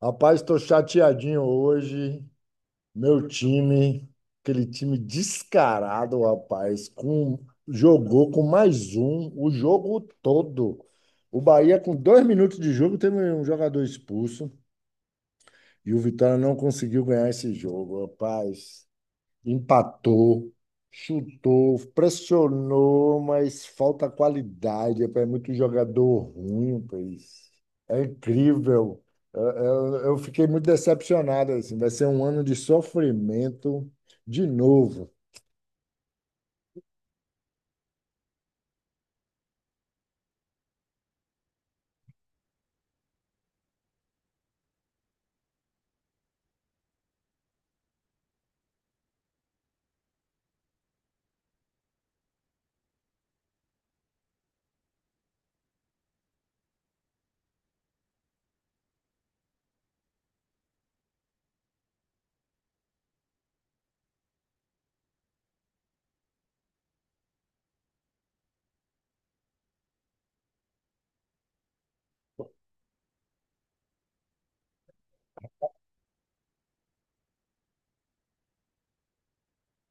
Rapaz, estou chateadinho hoje. Meu time, aquele time descarado, rapaz, jogou com mais um o jogo todo. O Bahia, com 2 minutos de jogo, teve um jogador expulso e o Vitória não conseguiu ganhar esse jogo, rapaz. Empatou, chutou, pressionou, mas falta qualidade. É muito jogador ruim, pois. É incrível. Eu fiquei muito decepcionado, assim. Vai ser um ano de sofrimento de novo.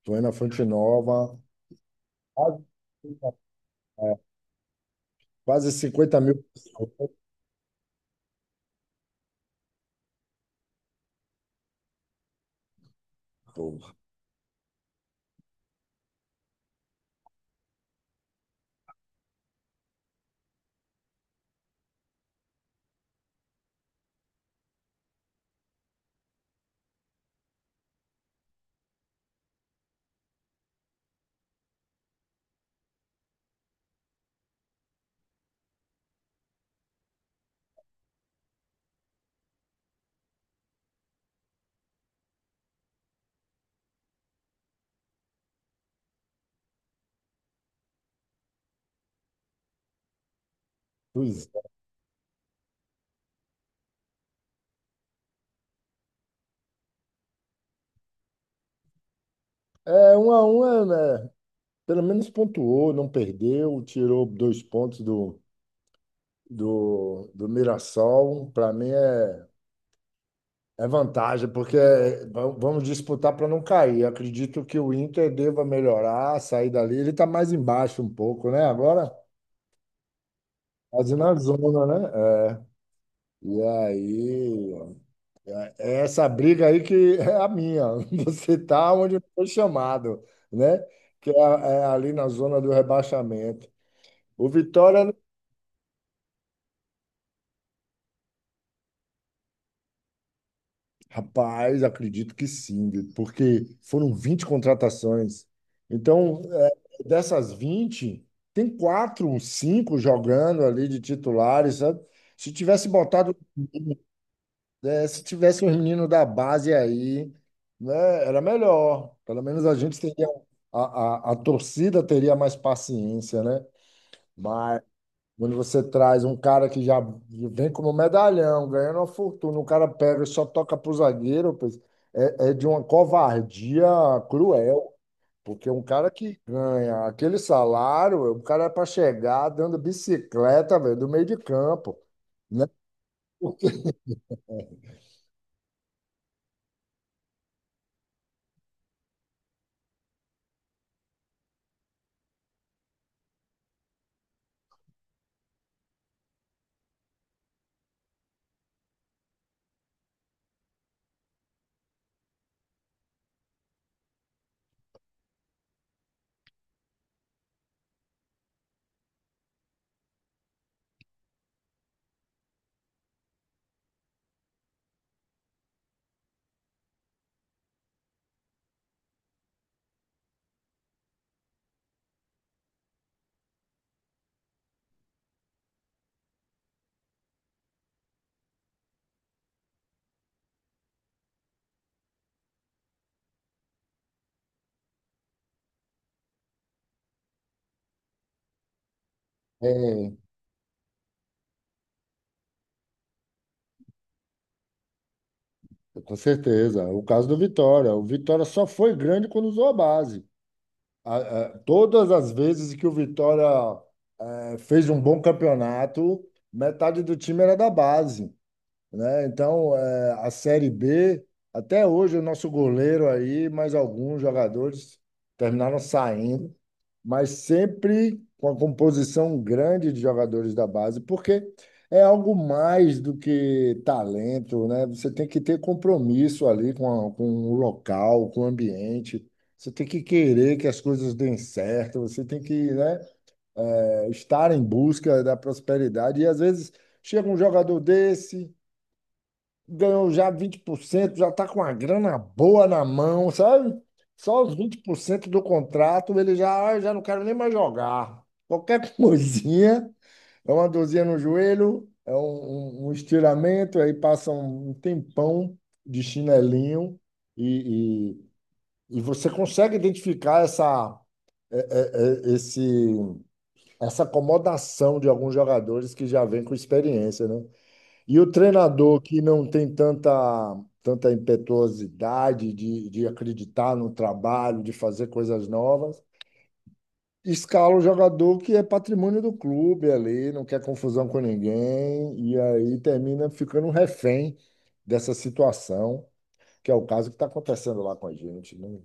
Tô indo na Fonte Nova, quase quase 50 mil pessoas. Porra. Pois é. É, 1 a 1, é, né? Pelo menos pontuou, não perdeu, tirou 2 pontos do Mirassol. Para mim é vantagem, porque vamos disputar para não cair. Acredito que o Inter deva melhorar, sair dali. Ele está mais embaixo um pouco, né? Agora, quase na zona, né? É. E aí, é essa briga aí que é a minha. Você tá onde foi chamado, né? Que é, é ali na zona do rebaixamento. O Vitória. Rapaz, acredito que sim, porque foram 20 contratações. Então, é, dessas 20 tem quatro, cinco jogando ali de titulares, sabe? Se tivesse botado, é, se tivesse um menino da base aí, né, era melhor. Pelo menos a gente teria, a torcida teria mais paciência, né? Quando você traz um cara que já vem como medalhão, ganhando uma fortuna, o cara pega e só toca pro zagueiro. Pois é, é de uma covardia cruel, porque um cara que ganha aquele salário, o cara é para chegar dando bicicleta, velho, do meio de campo, né? É, com certeza. O caso do Vitória. O Vitória só foi grande quando usou a base. A- Todas as vezes que o Vitória fez um bom campeonato, metade do time era da base. Né? Então, é, a Série B, até hoje, o nosso goleiro aí, mais alguns jogadores terminaram saindo, mas sempre com a composição grande de jogadores da base, porque é algo mais do que talento, né? Você tem que ter compromisso ali com, com o local, com o ambiente. Você tem que querer que as coisas deem certo, você tem que, né, é, estar em busca da prosperidade. E às vezes chega um jogador desse, ganhou já 20%, já está com uma grana boa na mão, sabe? Só os 20% do contrato, ele já: "Ah, eu já não quero nem mais jogar. Qualquer coisinha, é uma dorzinha no joelho, é um estiramento, aí passa um tempão de chinelinho e, e, e você consegue identificar essa, é, é, esse, essa acomodação de alguns jogadores que já vem com experiência, né? E o treinador que não tem tanta impetuosidade de acreditar no trabalho, de fazer coisas novas, escala o jogador que é patrimônio do clube ali, não quer confusão com ninguém, e aí termina ficando um refém dessa situação, que é o caso que está acontecendo lá com a gente, né?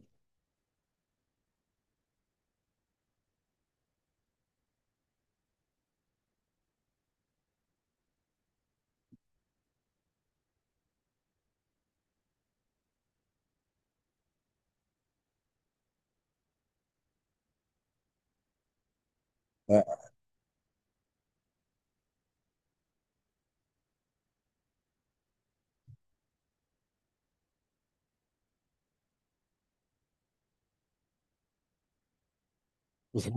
É. os- é,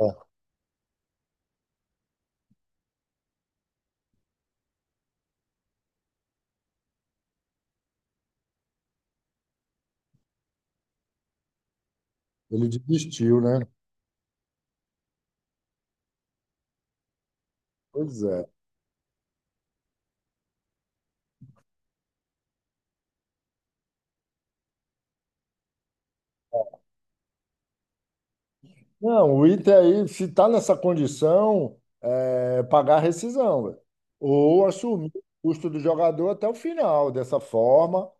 é, Ele desistiu, né? Pois é. Não, o Inter aí, se está nessa condição, é pagar a rescisão, velho. Ou assumir o custo do jogador até o final, dessa forma,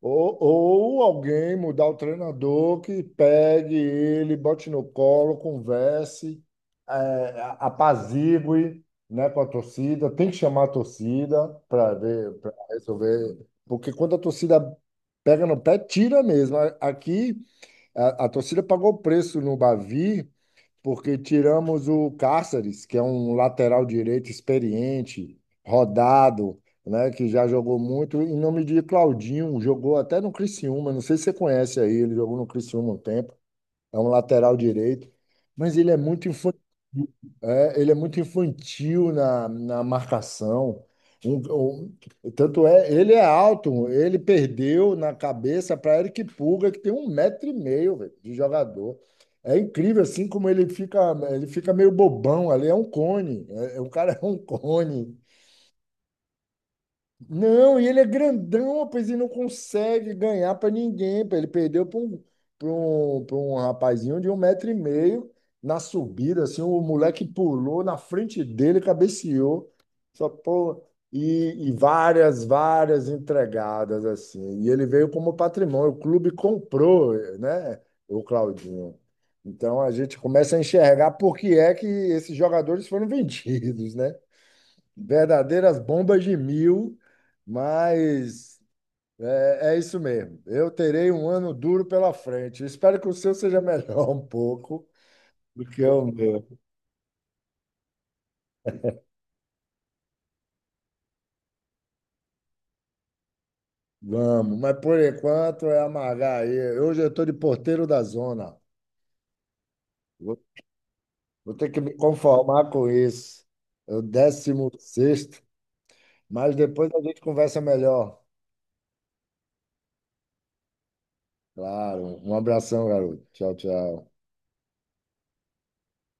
ou alguém mudar o treinador que pegue ele, bote no colo, converse, é, apazigue, né, com a torcida. Tem que chamar a torcida para ver, para resolver, porque quando a torcida pega no pé, tira mesmo. Aqui, a torcida pagou o preço no Bavi porque tiramos o Cáceres, que é um lateral direito experiente, rodado, né, que já jogou muito, em nome de Claudinho, jogou até no Criciúma, não sei se você conhece aí, ele jogou no Criciúma um tempo. É um lateral direito, mas ele é muito infantil. É, ele é muito infantil na marcação. Tanto é, ele é alto, ele perdeu na cabeça para Eric Pulga, que tem 1 metro e meio, velho, de jogador. É incrível assim como ele fica meio bobão ali, é um cone. É, o cara é um cone. Não, e ele é grandão, rapaz, e não consegue ganhar para ninguém. Pô. Ele perdeu para um, pra um, pra um rapazinho de 1 metro e meio na subida, assim, o moleque pulou na frente dele, cabeceou. Só, pô, e várias, várias entregadas, assim. E ele veio como patrimônio. O clube comprou, né, o Claudinho. Então a gente começa a enxergar por que é que esses jogadores foram vendidos, né? Verdadeiras bombas de mil, mas é isso mesmo. Eu terei um ano duro pela frente. Espero que o seu seja melhor um pouco do que o meu. Vamos, mas por enquanto é amargar aí. Hoje eu estou de porteiro da zona. Vou, vou ter que me conformar com isso. É o 16º, mas depois a gente conversa melhor. Claro. Um abração, garoto. Tchau, tchau.